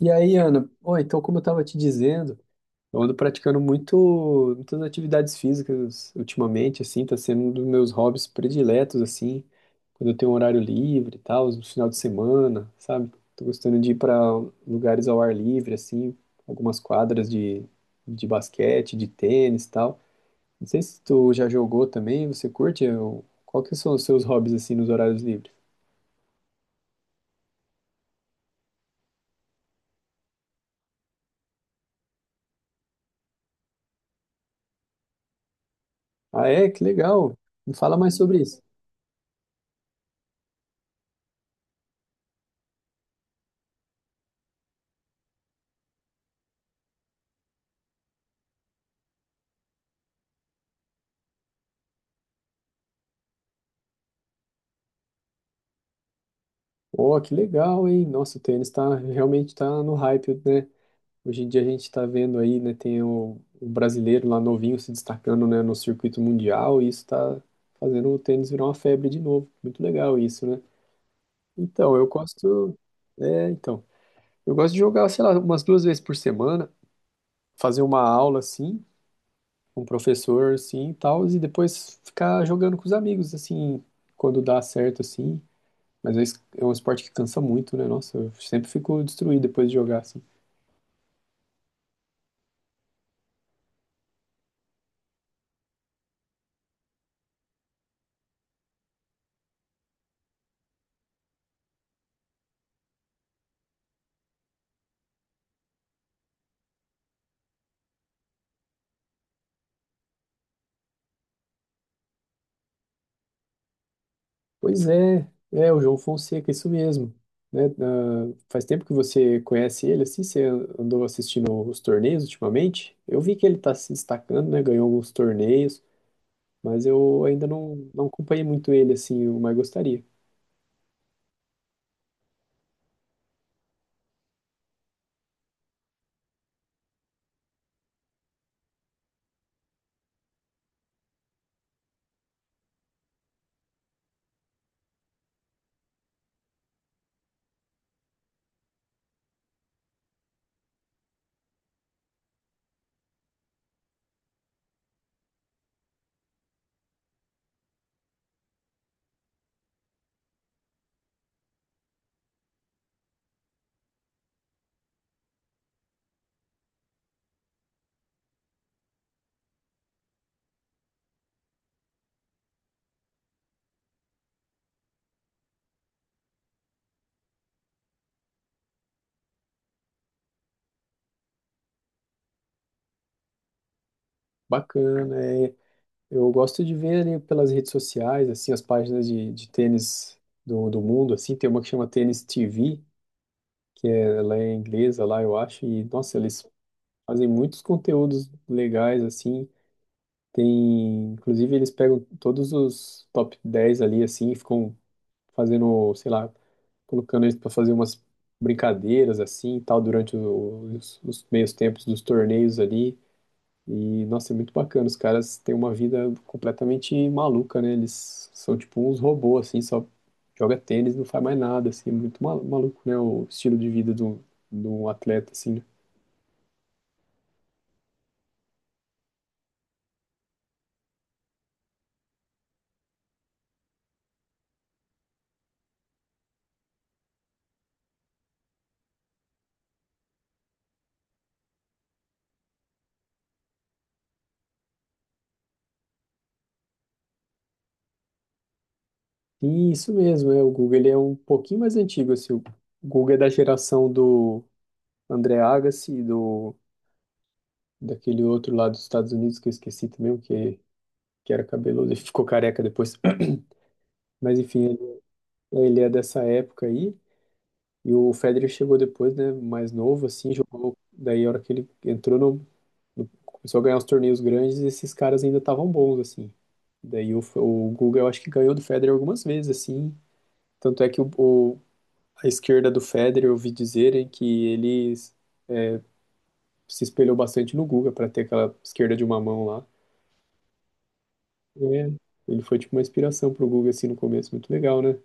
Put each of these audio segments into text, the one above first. E aí, Ana, oi, então como eu estava te dizendo, eu ando praticando muitas atividades físicas ultimamente, assim, tá sendo um dos meus hobbies prediletos, assim, quando eu tenho um horário livre e tal, no final de semana, sabe? Tô gostando de ir para lugares ao ar livre, assim, algumas quadras de basquete, de tênis e tal. Não sei se tu já jogou também, você curte? Qual que são os seus hobbies, assim, nos horários livres? Ah, é? Que legal! Me fala mais sobre isso. Oh, que legal, hein? Nossa, o tênis tá, realmente tá no hype, né? Hoje em dia a gente tá vendo aí, né? Tem o brasileiro lá novinho se destacando, né, no circuito mundial e isso tá fazendo o tênis virar uma febre de novo. Muito legal isso, né? Então, eu gosto... É, então. Eu gosto de jogar, sei lá, umas duas vezes por semana, fazer uma aula, assim, com um professor, assim, e tal, e depois ficar jogando com os amigos, assim, quando dá certo, assim. Mas é um esporte que cansa muito, né? Nossa, eu sempre fico destruído depois de jogar, assim. Pois é, é o João Fonseca, isso mesmo. Né? Ah, faz tempo que você conhece ele, assim, você andou assistindo os torneios ultimamente? Eu vi que ele tá se destacando, né? Ganhou alguns torneios, mas eu ainda não acompanhei muito ele, assim, eu mais gostaria. Bacana, é. Eu gosto de ver ali pelas redes sociais, assim, as páginas de tênis do mundo, assim, tem uma que chama Tênis TV, que ela é inglesa lá, eu acho, e nossa, eles fazem muitos conteúdos legais assim. Tem, inclusive eles pegam todos os top 10 ali assim, e ficam fazendo, sei lá, colocando eles para fazer umas brincadeiras assim, e tal durante os meios tempos dos torneios ali. E, nossa, é muito bacana. Os caras têm uma vida completamente maluca, né? Eles são tipo uns robôs, assim, só joga tênis, não faz mais nada, assim. É muito maluco, né? O estilo de vida do atleta, assim, né? E isso mesmo, é. O Guga, ele é um pouquinho mais antigo, assim. O Guga é da geração do André Agassi, do, daquele outro lá dos Estados Unidos, que eu esqueci também, o que, que era cabeludo e ficou careca depois. Mas, enfim, ele é dessa época aí. E o Federer chegou depois, né, mais novo, assim, jogou. Daí, a hora que ele entrou começou a ganhar os torneios grandes, esses caras ainda estavam bons, assim. Daí, o Guga, eu acho que ganhou do Federer algumas vezes, assim. Tanto é que a esquerda do Federer, eu ouvi dizerem que ele se espelhou bastante no Guga para ter aquela esquerda de uma mão lá. É. Ele foi, tipo, uma inspiração pro Guga, assim, no começo. Muito legal, né?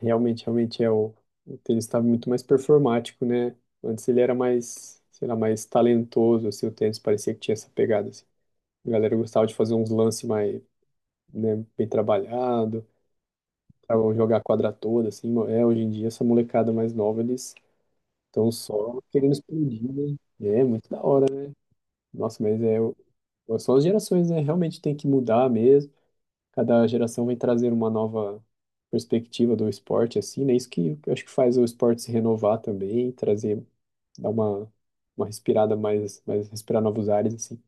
Realmente, realmente é o tênis está muito mais performático, né? Antes ele era mais, sei lá, mais talentoso, assim, o tênis parecia que tinha essa pegada, assim. A galera gostava de fazer uns lances mais, né, bem trabalhado, pra jogar a quadra toda, assim. É, hoje em dia, essa molecada mais nova, eles estão só querendo explodir, né? É, muito da hora, né? Nossa, mas é, o- são as gerações, né? Realmente tem que mudar mesmo. Cada geração vem trazer uma nova perspectiva do esporte, assim, né? Isso que eu acho que faz o esporte se renovar também, trazer, dar uma respirada mais, respirar novos ares, assim.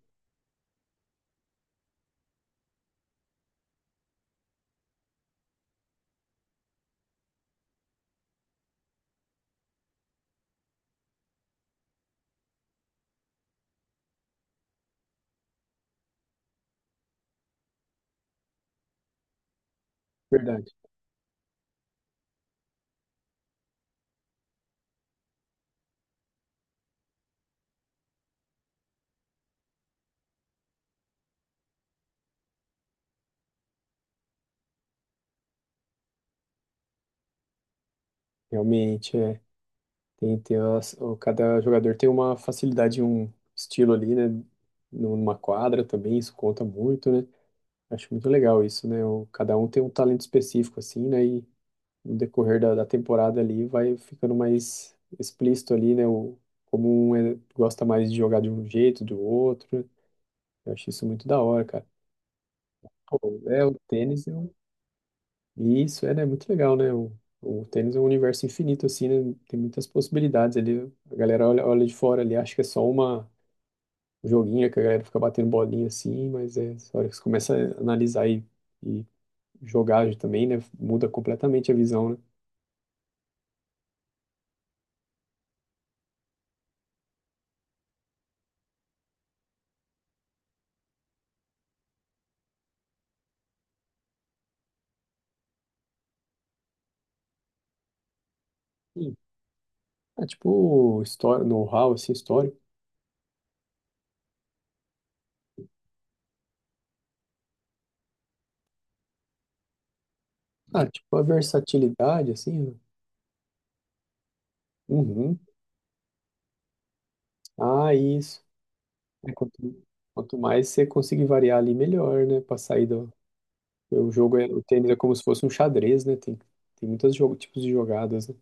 Verdade. Realmente, é. Tem, cada jogador tem uma facilidade, um estilo ali, né? Numa quadra também, isso conta muito, né? Acho muito legal isso, né? O, cada um tem um talento específico, assim, né? E no decorrer da temporada ali, vai ficando mais explícito ali, né? O, como um gosta mais de jogar de um jeito, do outro. Eu acho isso muito da hora, cara. Pô, é, o tênis é um... E isso é, né, muito legal, né? O tênis é um universo infinito, assim, né? Tem muitas possibilidades ali. A galera olha, olha de fora ali, acha que é só uma joguinha que a galera fica batendo bolinha assim, mas é, a hora que você começa a analisar e jogar também, né? Muda completamente a visão, né? Ah, tipo história, know-how assim, histórico. Ah, tipo a versatilidade assim, né? Uhum. Ah, isso. É, quanto mais você conseguir variar ali, melhor, né? Pra sair do. O jogo é, o tênis é como se fosse um xadrez, né? Tem, tem muitos jogo, tipos de jogadas, né?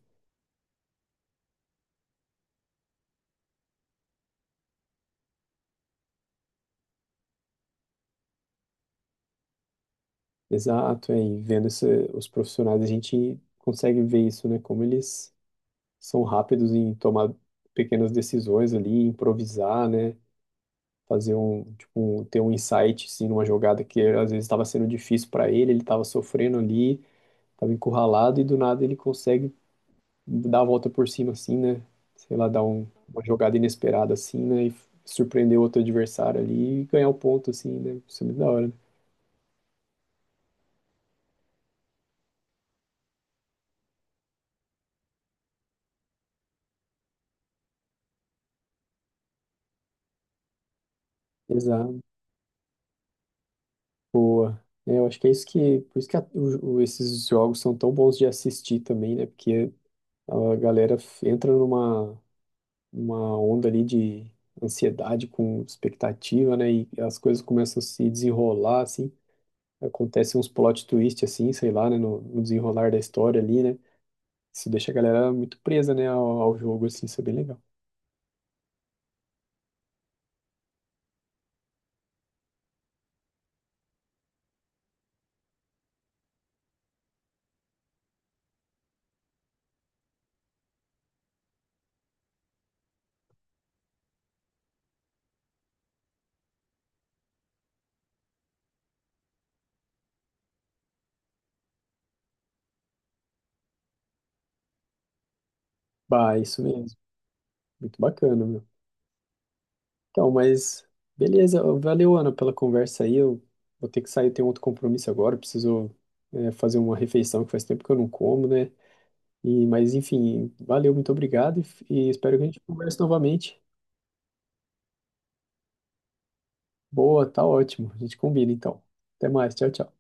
Exato, é, e vendo os profissionais, a gente consegue ver isso, né? Como eles são rápidos em tomar pequenas decisões ali, improvisar, né? Fazer um, tipo, ter um insight, sim, numa jogada que às vezes estava sendo difícil para ele, ele estava sofrendo ali, estava encurralado e do nada ele consegue dar a volta por cima assim, né? Sei lá, dar uma jogada inesperada assim, né? E surpreender outro adversário ali e ganhar o ponto assim, né? Isso é muito da hora, né? Exato. Boa. É, eu acho que é isso que, por isso que esses jogos são tão bons de assistir também, né? Porque a galera f- entra numa uma onda ali de ansiedade com expectativa, né? E as coisas começam a se desenrolar, assim. Acontece uns plot twist, assim, sei lá, né? No desenrolar da história ali, né? Isso deixa a galera muito presa, né? Ao jogo, assim, isso é bem legal. Bah, isso mesmo. Muito bacana, meu. Então, mas beleza. Valeu, Ana, pela conversa aí. Eu vou ter que sair, tenho outro compromisso agora. Preciso, fazer uma refeição que faz tempo que eu não como, né? E, mas enfim, valeu, muito obrigado e espero que a gente converse novamente. Boa, tá ótimo. A gente combina então. Até mais. Tchau, tchau.